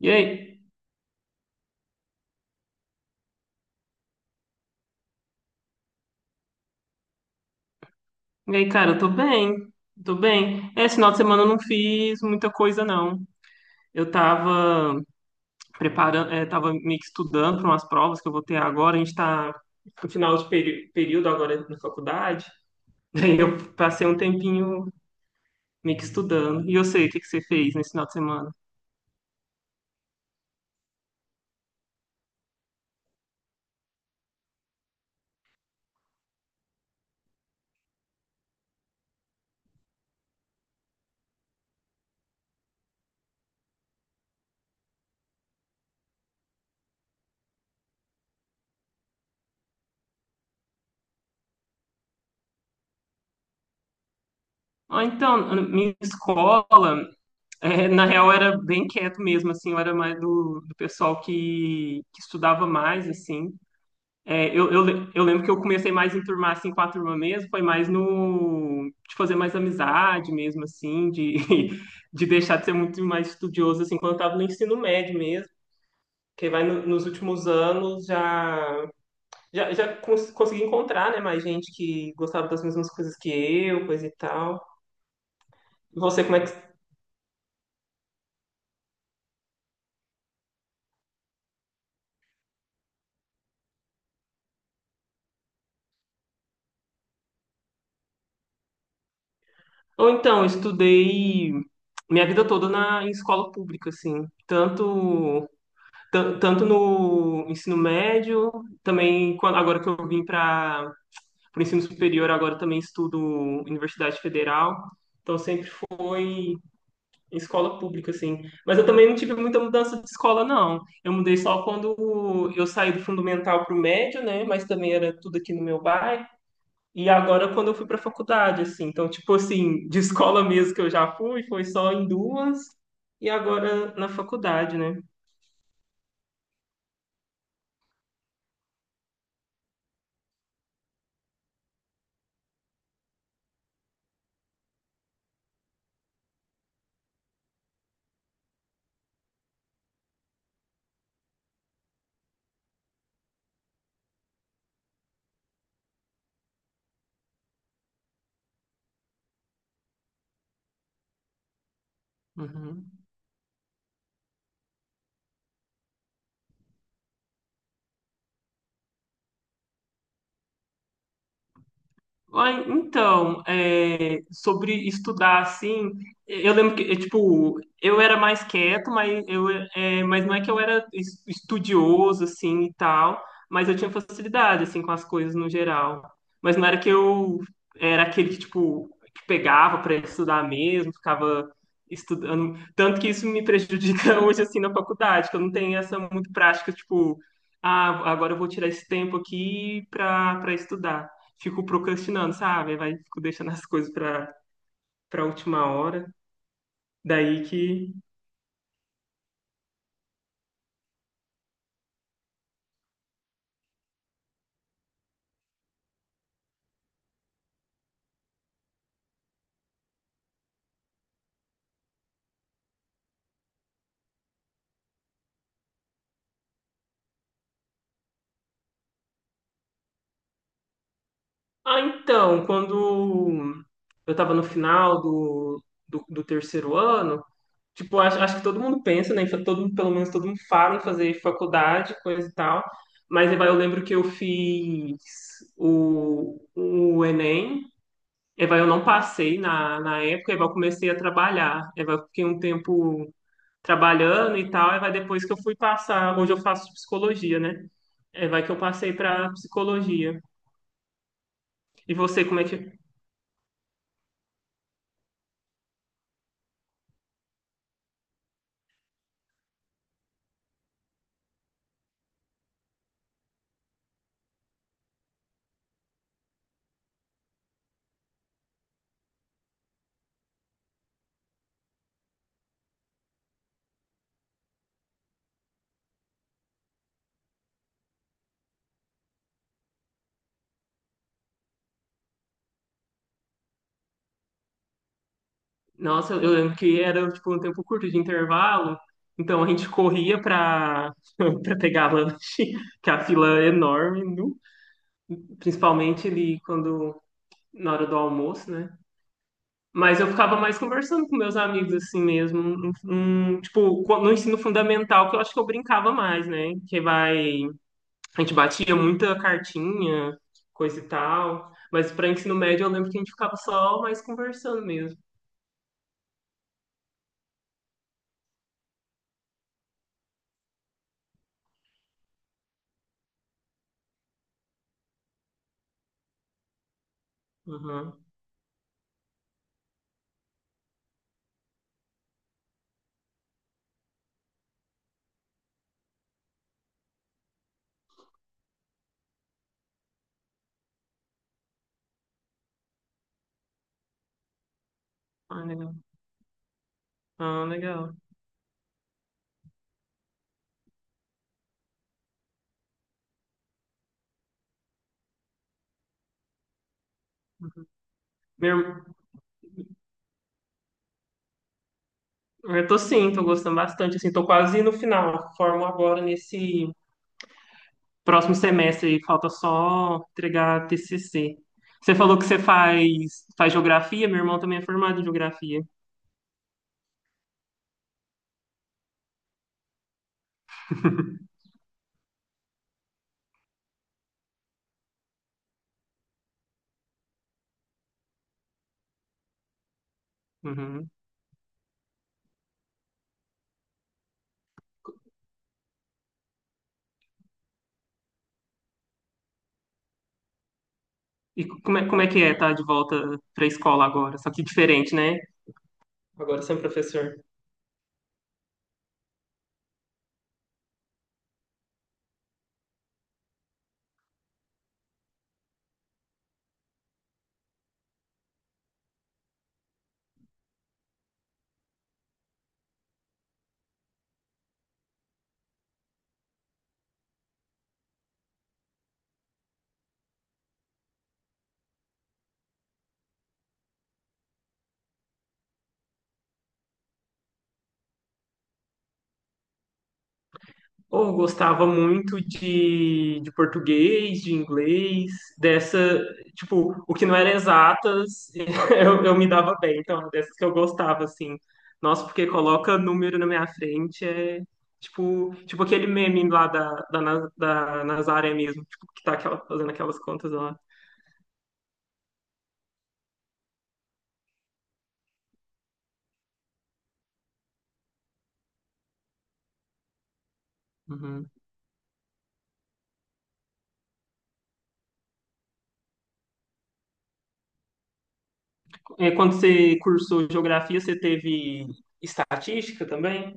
E aí? E aí, cara, eu tô bem. Tô bem. Esse final de semana eu não fiz muita coisa, não. Eu tava preparando, tava meio que estudando para umas provas que eu vou ter agora. A gente tá no final de período agora na faculdade. Daí eu passei um tempinho meio que estudando. E eu sei o que que você fez nesse final de semana. Ah, então, na minha escola, na real, era bem quieto mesmo, assim, eu era mais do pessoal que estudava mais, assim. É, eu lembro que eu comecei mais em enturmar assim, com a turma mesmo, foi mais no de fazer mais amizade mesmo, assim, de, de deixar de ser muito mais estudioso assim, quando eu estava no ensino médio mesmo, que vai nos últimos anos já, consegui encontrar, né, mais gente que gostava das mesmas coisas que eu, coisa e tal. E você, como é que. Ou então, eu estudei minha vida toda em escola pública, assim, tanto no ensino médio, também quando, agora que eu vim para o ensino superior, agora também estudo Universidade Federal, então sempre fui em escola pública, assim. Mas eu também não tive muita mudança de escola, não. Eu mudei só quando eu saí do fundamental para o médio, né? Mas também era tudo aqui no meu bairro. E agora quando eu fui para a faculdade, assim. Então, tipo assim, de escola mesmo que eu já fui, foi só em duas. E agora na faculdade, né? Uhum. Ai, então, é, sobre estudar assim, eu lembro que, é, tipo, eu era mais quieto, mas, eu, é, mas não é que eu era estudioso, assim, e tal, mas eu tinha facilidade, assim, com as coisas no geral. Mas não era que eu era aquele que, tipo, que pegava para estudar mesmo, ficava estudando. Tanto que isso me prejudica hoje, assim, na faculdade, que eu não tenho essa muito prática, tipo, ah, agora eu vou tirar esse tempo aqui para estudar, fico procrastinando, sabe? Vai, fico deixando as coisas para última hora. Daí que. Ah, então, quando eu estava no final do terceiro ano, tipo, acho que todo mundo pensa, né? Todo mundo, pelo menos todo mundo fala em fazer faculdade, coisa e tal. Mas aí vai, eu lembro que eu fiz o Enem. Aí vai, eu não passei na época, aí vai, eu comecei a trabalhar. Aí vai, eu fiquei um tempo trabalhando e tal, e vai depois que eu fui passar, hoje eu faço psicologia, né? É, vai que eu passei para psicologia. E você, como é que. Nossa, eu lembro que era tipo um tempo curto de intervalo, então a gente corria para pegar lanche, que a fila é enorme, nu. Principalmente ali quando na hora do almoço, né? Mas eu ficava mais conversando com meus amigos assim mesmo, tipo, no ensino fundamental, que eu acho que eu brincava mais, né? Que vai a gente batia muita cartinha, coisa e tal. Mas para ensino médio eu lembro que a gente ficava só mais conversando mesmo. Uhum. Ah, legal. Ah, legal. Uhum. Meu irmão, eu tô sim, tô gostando bastante, assim, tô quase no final. Formo agora nesse próximo semestre e falta só entregar TCC. Você falou que você faz, faz geografia, meu irmão também é formado em geografia. Uhum. E como é que é estar de volta para a escola agora? Só que diferente, né? Agora você é um professor. Ou gostava muito de português, de inglês, dessa, tipo, o que não era exatas, eu me dava bem. Então, dessas que eu gostava, assim. Nossa, porque coloca número na minha frente, é tipo, tipo aquele meme lá da Nazaré mesmo, tipo, que tá aquela fazendo aquelas contas lá. Uhum. É, quando você cursou geografia, você teve estatística também?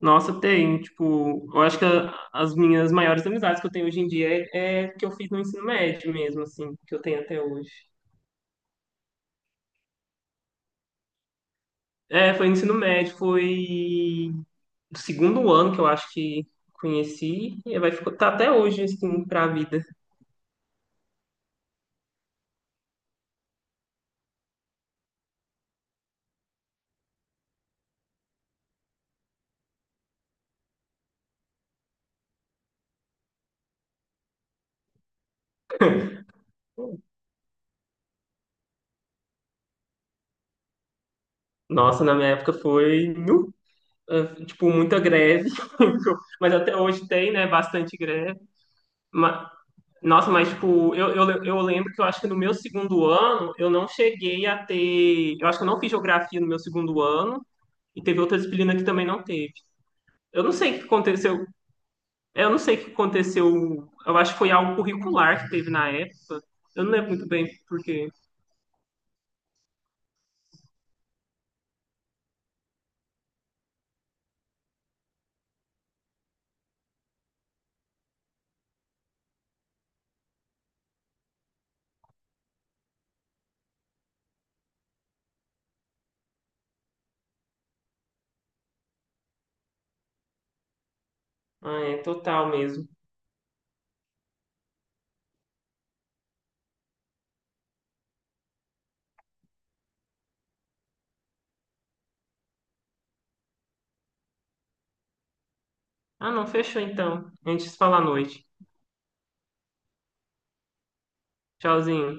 Nossa, tem, tipo, eu acho que as minhas maiores amizades que eu tenho hoje em dia é, é que eu fiz no ensino médio mesmo, assim, que eu tenho até hoje. É, foi no ensino médio, foi do segundo ano que eu acho que conheci, e vai ficar, tá até hoje, assim, pra vida. Nossa, na minha época foi, nu, tipo, muita greve, mas até hoje tem, né, bastante greve. Ma- Nossa, mas tipo, eu lembro que eu acho que no meu segundo ano eu não cheguei a ter. Eu acho que eu não fiz geografia no meu segundo ano e teve outra disciplina que também não teve. Eu não sei o que aconteceu. Eu não sei o que aconteceu. Eu acho que foi algo curricular que teve na época. Eu não lembro muito bem por quê. Ah, é total mesmo. Ah, não, fechou então. A gente se fala à noite. Tchauzinho.